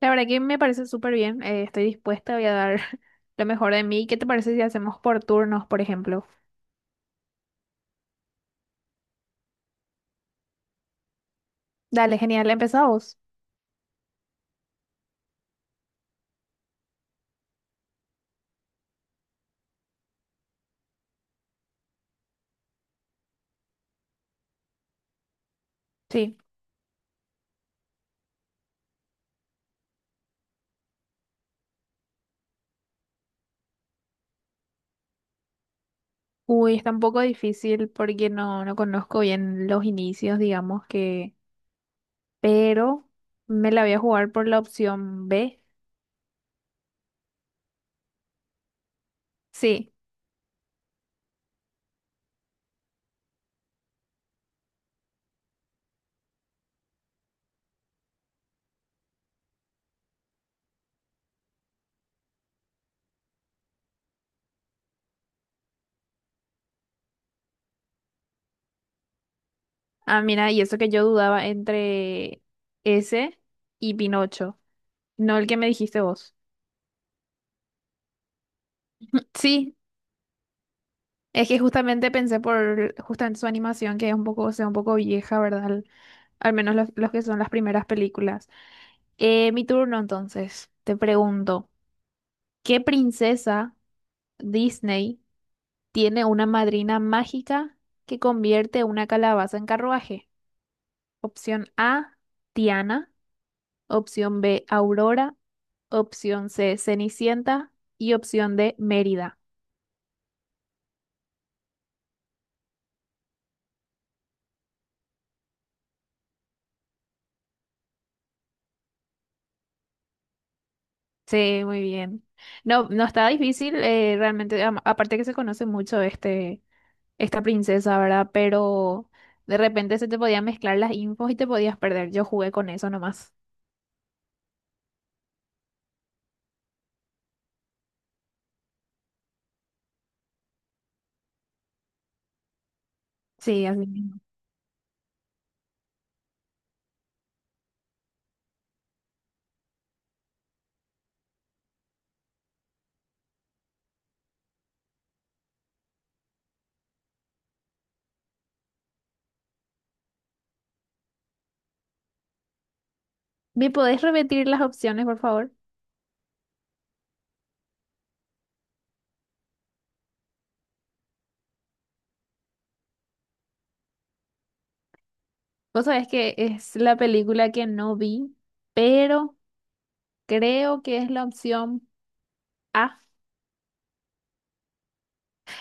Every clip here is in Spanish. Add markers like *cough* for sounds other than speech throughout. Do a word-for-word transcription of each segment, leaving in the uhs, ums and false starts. La verdad que me parece súper bien. Eh, estoy dispuesta, voy a dar *laughs* lo mejor de mí. ¿Qué te parece si hacemos por turnos, por ejemplo? Dale, genial, empezamos. Sí. Uy, está un poco difícil porque no, no conozco bien los inicios, digamos que. Pero me la voy a jugar por la opción B. Sí. Ah, mira, y eso que yo dudaba entre ese y Pinocho. No el que me dijiste vos. Sí, es que justamente pensé por justamente su animación, que es un poco, o sea, un poco vieja, ¿verdad? Al, al menos los, los que son las primeras películas. Eh, mi turno entonces, te pregunto, ¿qué princesa Disney tiene una madrina mágica que convierte una calabaza en carruaje? Opción A, Tiana. Opción B, Aurora. Opción C, Cenicienta. Y opción D, Mérida. Sí, muy bien. No, no está difícil, eh, realmente, am- aparte que se conoce mucho este, esta princesa, ¿verdad? Pero de repente se te podían mezclar las infos y te podías perder. Yo jugué con eso nomás. Sí, así mismo. ¿Me podés repetir las opciones, por favor? Vos sabés que es la película que no vi, pero creo que es la opción A.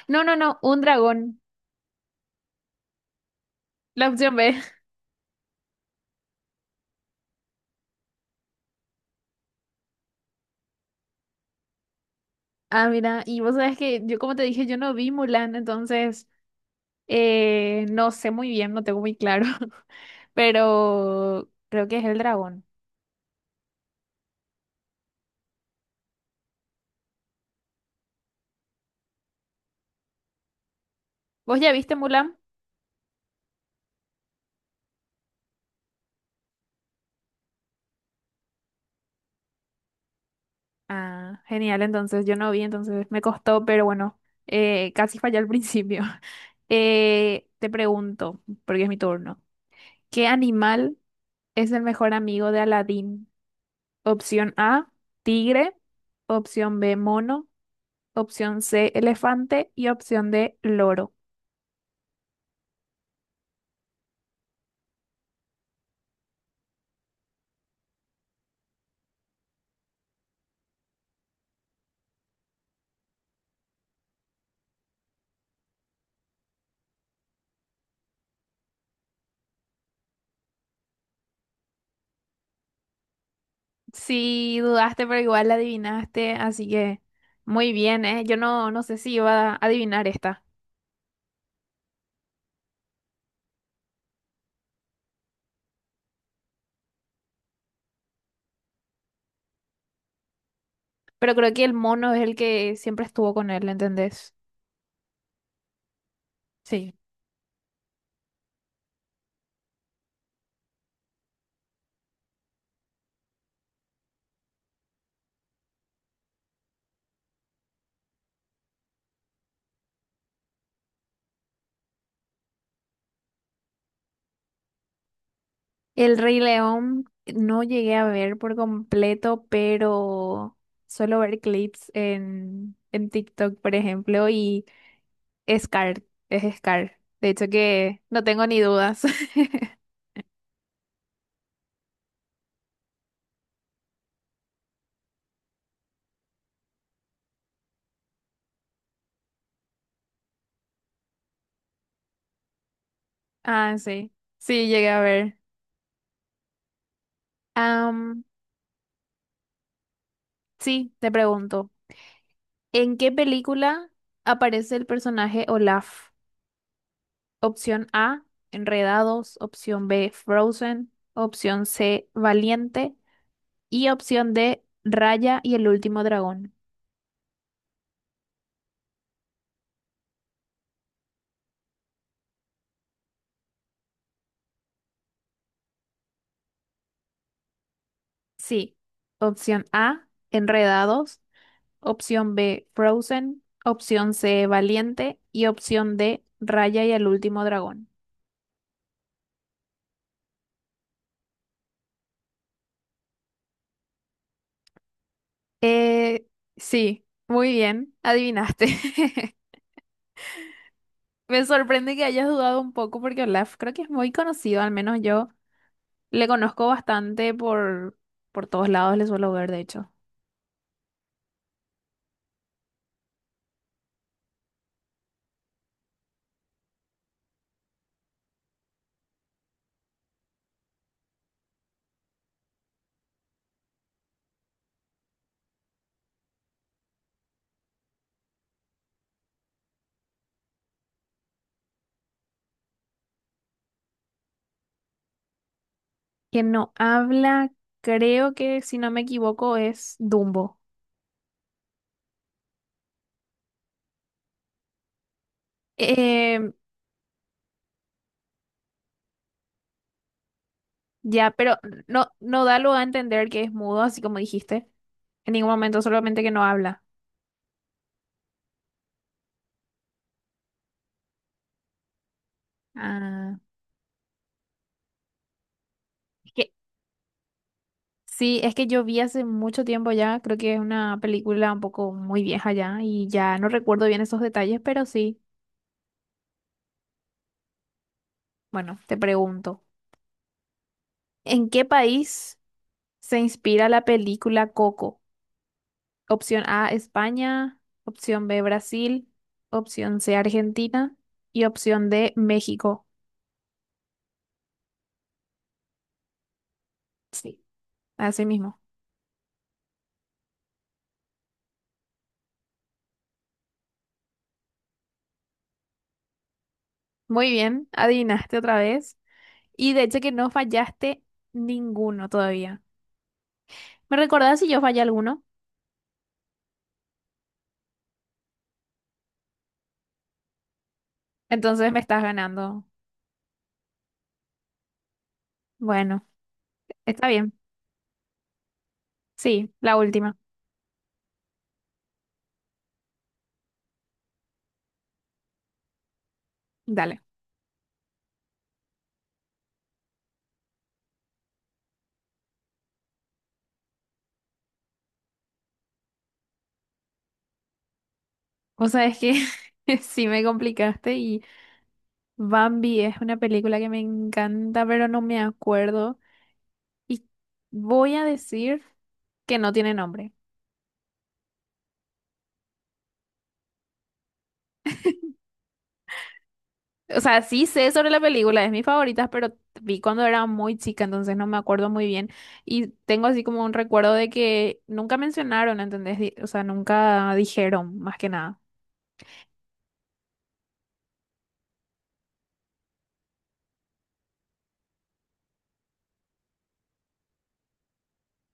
No, no, no, un dragón. La opción B. *laughs* Ah, mira, y vos sabés que yo, como te dije, yo no vi Mulan, entonces. Eh, no sé muy bien, no tengo muy claro, *laughs* pero creo que es el dragón. ¿Vos ya viste Mulan? Ah, genial, entonces yo no vi, entonces me costó, pero bueno, eh, casi fallé al principio. *laughs* Eh, te pregunto, porque es mi turno, ¿qué animal es el mejor amigo de Aladín? Opción A, tigre, opción B, mono, opción C, elefante y opción D, loro. Sí, dudaste, pero igual la adivinaste, así que muy bien, ¿eh? Yo no, no sé si iba a adivinar esta, pero creo que el mono es el que siempre estuvo con él, ¿entendés? Sí. El Rey León no llegué a ver por completo, pero suelo ver clips en, en TikTok, por ejemplo, y Scar, es Scar. De hecho que no tengo ni dudas. *laughs* Ah, sí, sí, llegué a ver. Am, sí, te pregunto. ¿En qué película aparece el personaje Olaf? Opción A, Enredados, opción B, Frozen, opción C, Valiente y opción D, Raya y el último dragón. Sí, opción A, Enredados, opción B, Frozen, opción C, Valiente y opción D, Raya y el último dragón. Eh, sí, muy bien, adivinaste. *laughs* Me sorprende que hayas dudado un poco porque Olaf creo que es muy conocido, al menos yo le conozco bastante por, por todos lados, le suelo ver de hecho. Quien no habla, creo que si no me equivoco es Dumbo. Eh, ya, pero no, no da lugar a entender que es mudo, así como dijiste. En ningún momento, solamente que no habla. Ah, es que sí, es que yo vi hace mucho tiempo ya, creo que es una película un poco muy vieja ya y ya no recuerdo bien esos detalles, pero sí, bueno, te pregunto. ¿En qué país se inspira la película Coco? Opción A, España, opción B, Brasil, opción C, Argentina y opción D, México. Sí, así mismo. Muy bien, adivinaste otra vez. Y de hecho que no fallaste ninguno todavía. ¿Me recordás si yo fallé alguno? Entonces me estás ganando. Bueno, está bien. Sí, la última. Dale. O sea, es que *laughs* sí me complicaste. Bambi es una película que me encanta, pero no me acuerdo. Y voy a decir que no tiene nombre. O sea, sí sé sobre la película, es mi favorita, pero vi cuando era muy chica, entonces no me acuerdo muy bien. Y tengo así como un recuerdo de que nunca mencionaron, ¿entendés? Di- O sea, nunca dijeron, más que nada.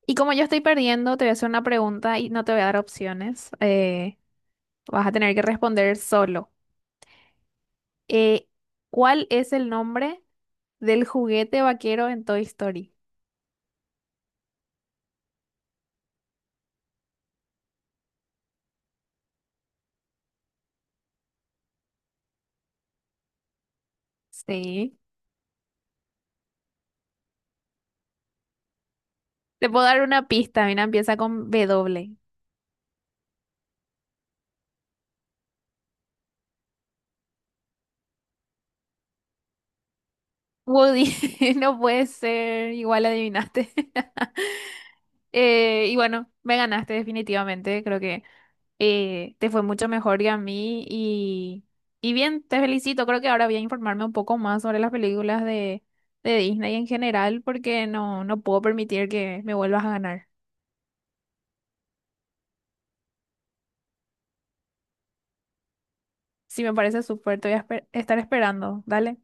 Y como yo estoy perdiendo, te voy a hacer una pregunta y no te voy a dar opciones. Eh, vas a tener que responder solo. Eh, ¿Cuál es el nombre del juguete vaquero en Toy Story? Sí. Te puedo dar una pista, mira, empieza con W. Woody, *laughs* no puede ser, igual adivinaste. *laughs* Eh, y bueno, me ganaste definitivamente, creo que eh, te fue mucho mejor que a mí y, y bien, te felicito, creo que ahora voy a informarme un poco más sobre las películas de, de Disney en general porque no, no puedo permitir que me vuelvas a ganar. Sí, me parece súper, te voy a esper- estar esperando. Dale.